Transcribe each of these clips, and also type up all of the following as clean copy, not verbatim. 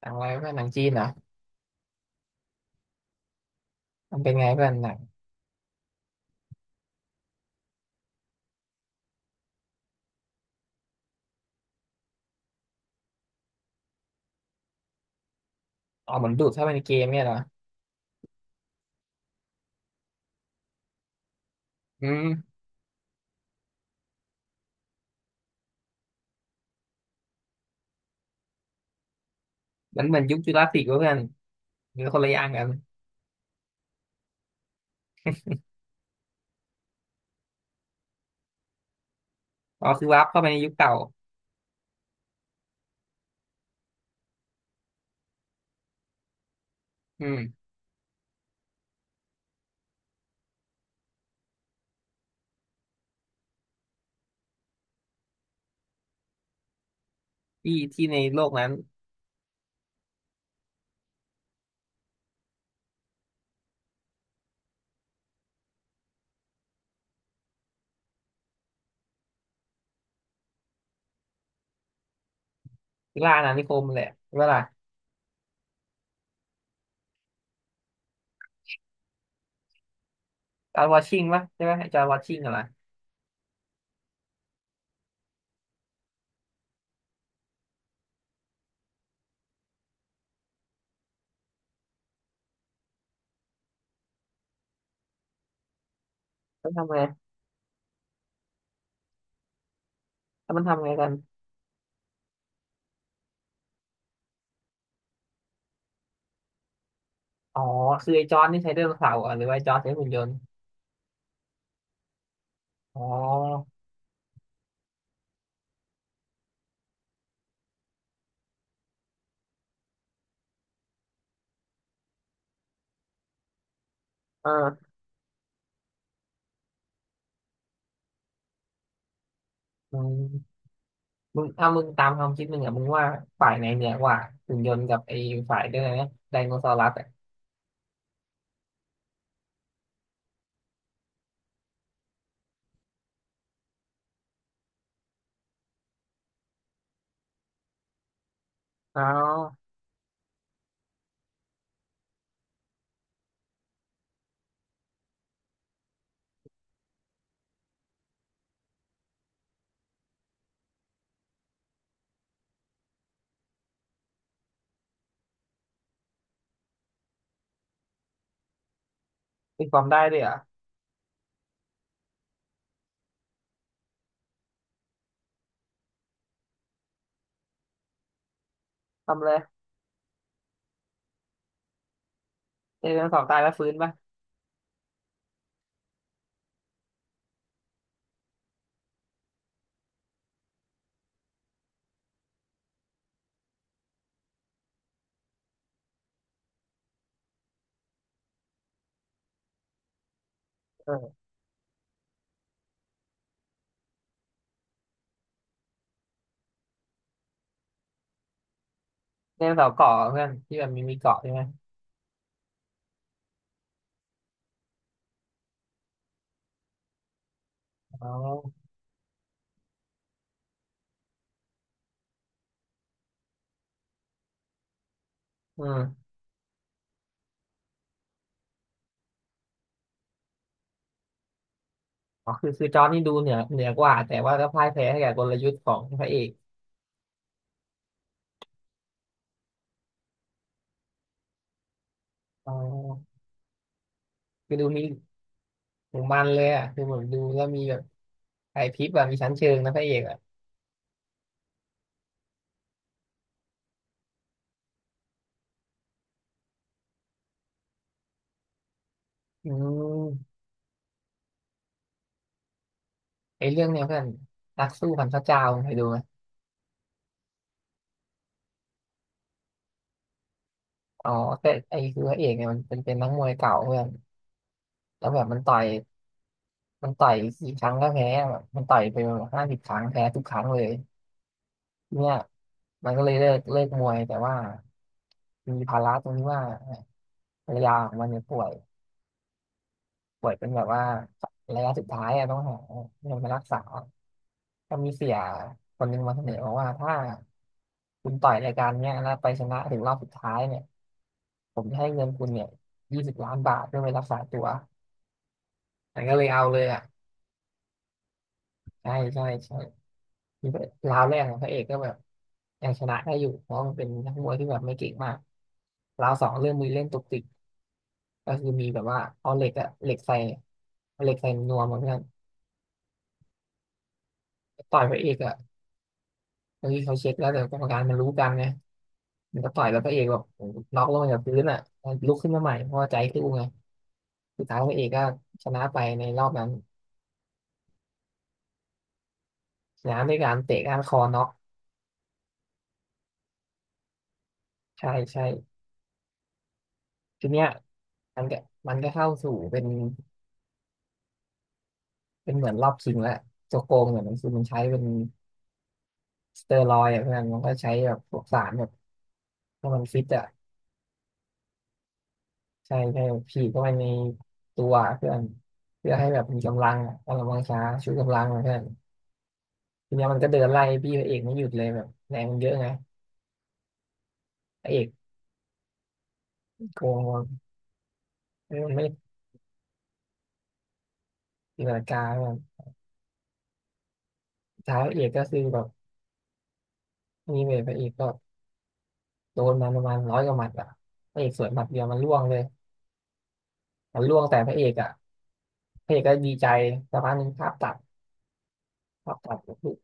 หนังอะไรเพื่อนหนังจีนเหรอมันเป็นไงเพื่อนหนังอ๋อเหมือนดูดเข้าไปในเกมเนี่ยเหรออืมมันเหมือนยุคจูราสสิกเวะเพื่อนมันคนละอย่างกันอ๋อคือวาร์ปเข้าไปในยุคเก่าอืมที่ที่ในโลกนั้นล่าอาณานิคมแหละใช่ปะล่ะจอร์จวอชิงปะใช่ปะไอ้จอร์จวอชิงอะไรมันทำไงแล้วมันทำไงกันอ๋อคือไอ้จอร์จนี่ใช้ไดโนเสาร์ะหรอหรือว่าไอ้จอร์จใช้หุ่นยนต์อ๋อเอออืมมึงถ้ามึงตามความคิดมึงอ่ะมึงว่าฝ่ายไหนเหนือกว่าหุ่นยนต์กับไอ้ฝ่ายเดินนะไดโนเสาร์รัสอ่ะอ๋อ มีความได้ด้วยเหรอทำเลยไดโนเสาร์ตายแล้วฟื้นป่ะเออไดโนเสาร์เกาะเพื่อนที่แบบมีเกาะใช่ไหมอ๋ออืมอ๋อคือจอร์จนี่ดูเหนือกว่าแต่ว่าก็พ่ายแพ้ให้กับกลยุทธ์ของพระเอกอ๋อคือดูมีถึงมันเลยอ่ะคือผมดูแล้วมีแบบไอพริบแบบมีชั้นเชิงนะพระเอกอ่ะอืมไอเรื่องเนี้ยเพื่อนนักสู้พันพระเจ้าเคยดูไหมอ๋อแต่ไอคือพระเอกเนี่ยมันเป็นนักมวยเก่าเพื่อนแล้วแบบมันต่อยมันต่อยกี่ครั้งก็แพ้แบบมันต่อยไป50 ครั้งแพ้ทุกครั้งเลย เนี่ยมันก็เลยเลิกมวยแต่ว่ามีภาระตรงที่ว่าภรรยาของมันเนี่ยป่วยป่วยเป็นแบบว่าระยะสุดท้ายอะต้องหาเงินมารักษาก็มีเสียคนหนึงมาเสนอบอกว่าถ้าคุณต่อยรายการเนี้ยแล้วไปชนะถึงรอบสุดท้ายเนี่ยผมจะให้เงินคุณเนี่ย20 ล้านบาทเพื่อไปรักษาตัวแต่ก็เลยเอาเลยอ่ะใช่ใช่ใช่ที่ราวแรกของพระเอกก็แบบยังชนะได้อยู่เพราะมันเป็นนักมวยที่แบบไม่เก่งมากราวสองเริ่มมีเล่นตุกติก ก็คือมีแบบว่าเอาเหล็กอะเหล็กใส่เอาเหล็กใส่นวมอะเพื่อนต่อยพระเอกอะบางทีเขาเช็คแล้วแต่กรรมการมันรู้กันไงมันก็ต่อยแล้วพระเอกแบบน็อกลงจากพื้นอะลุกขึ้นมาใหม่เพราะว่าใจสู้ไงสุดท้ายพระเอกก็ชนะไปในรอบนั้นชนะด้วยการเตะก้านคอน็อกใช่ใช่ทีเนี้ยมันก็มันก็เข้าสู่เป็นเหมือนรอบชิงแล้วโจโกงเนี่ยมันคือมันใช้เป็นสเตอรอยด์อะเพื่อนมันก็ใช้แบบพวกสารแบบให้มันฟิตอะ ใช่ใช่ฉีดเข้าไปในตัวเพื่อนเพื่อให้แบบมีกำลังอะกำลังวังชาชูกำลังอะเพื่อนทีเนี้ยมันก็เดินไล่พี่พระเอกไม่หยุดเลยแบบแรงมันเยอะไงพระเอกโกงเออมันไม่ตีลังกาแบบท้ายพระเอกก็คือแบบนี่เลยพระเอกก็โดนมาประมาณ100 กว่าหมัดอ่ะพระเอกสวนหมัดเดียวมันล่วงเลยมันล่วงแต่พระเอกอ่ะพระเอกก็ดีใจสักพักหนึ่งภาพตัดภาพตัดก็คือ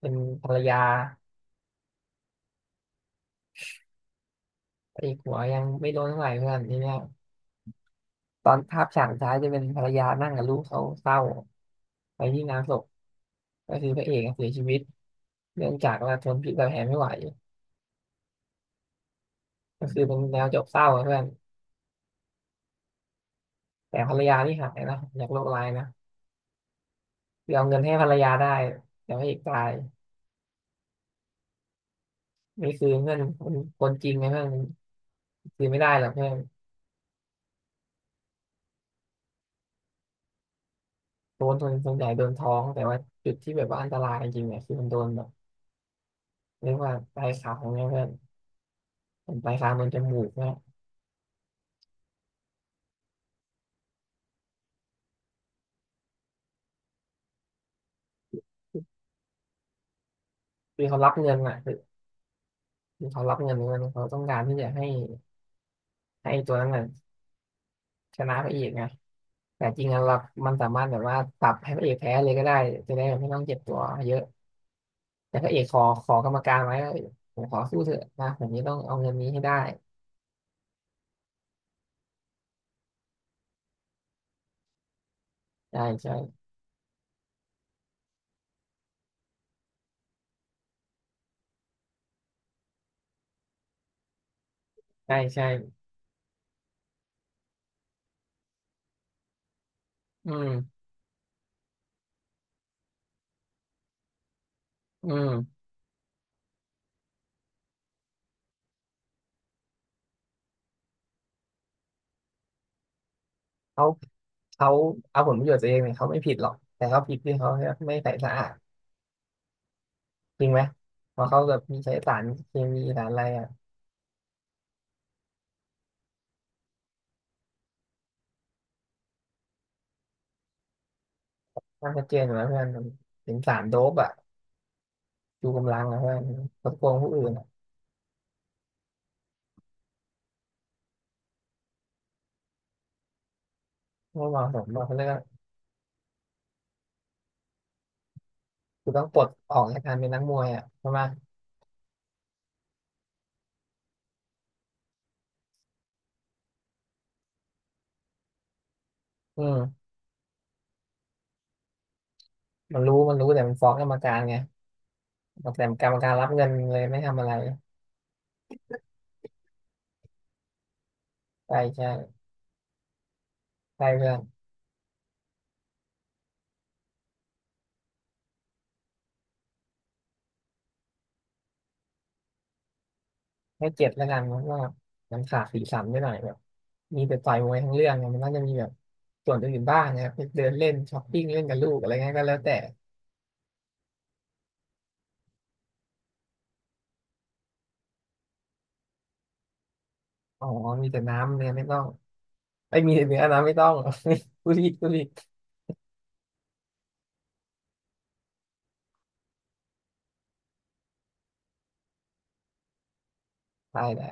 เป็นภรรยาพระเอกหัวยังไม่โดนเท่าไหร่เพื่อนทีเนี้ยตอนภาพฉากสุดท้ายจะเป็นภรรยานั่งกับลูกเขาเศร้า ไปที่งานศพก็คือพระเอกเสียชีวิตเนื่องจากว่าทนพิษรดแผลไม่ไหวก็คือเป็นแนวจบเศร้าอะเพื่อนแต่ภรรยาที่หายนะจากโรคร้ายนะคือเอาเงินให้ภรรยาได้แต่พระเอกตายนี่คือเพื่อนคนคนจริงนะเพื่อนคือไม่ได้หรอกเพื่อนโดนสนส่วนใหญ่โดนท้องแต่ว่าจุดที่แบบว่าอันตรายจริงๆเนี่ยคือมันโดนแบบเรียกว่าปลายขางเนี่ยเพื่อนเป็นปลายขางโดนจมูกเนี่ยคือเขารับเงินอ่ะคือคือเขารับเงินเขาต้องการที่จะให้ให้ตัวนั้นน่ะชนะพระเอกไง แต่จริงๆเรามันสามารถแบบว่าปรับให้พระเอกแพ้เลยก็ได้จะได้แบบไม่ต้องเจ็บตัวเยอะแต่พระเอกขอกรรมการไว้ว่าผมขอสู้เถอะนะผมนี้ต้องเอาเงินนี้ให้ได้ใช่ใช่ใช่ใช่อืมอืมเขาเขาเอาผลประโยชน์ตัวเองเนี่ยเขาไม่ผิดหรอกแต่เขาผิดที่เขาไม่ใส่สะอาดจริงไหมเพราะเขาแบบมีใช้สารเคมีสารอะไรอ่ะมันชัดเจนอยู่แล้วเพื่อนมันเป็นสารโดปอ่ะชูกำลังนะเพื่อนกดโกงผู้อื่นอ่ะไม่เหมาะสมหรอกเขาเรียกว่าคือต้องปลดออกจากการเป็นนักมวยอ่ะใช่ไหมอืม มันรู้แต่มันฟ้องกรรมการไงบอกแต่กรรมการรับเงินเลยไม่ทำอะไรใช่ใช่ใช่เพื่อนให้7แล้วกันเพราะว่ามันขาดสีสันไปหน่อยแบบมีแต่ต่อยมวยทั้งเรื่องไง่มันน่าจะมีแบบส่วนอื่นบ้างนะไปเดินเล่นช้อปปิ้งเล่นกับลูกอะไรเงี้ยก็แล้วแต่อ๋อมีแต่น้ำเนี่ยไม่ต้องไม่มีแต่เนื้อน้ำไม่ต้อง ผู้ริดผู้ริดตายแล้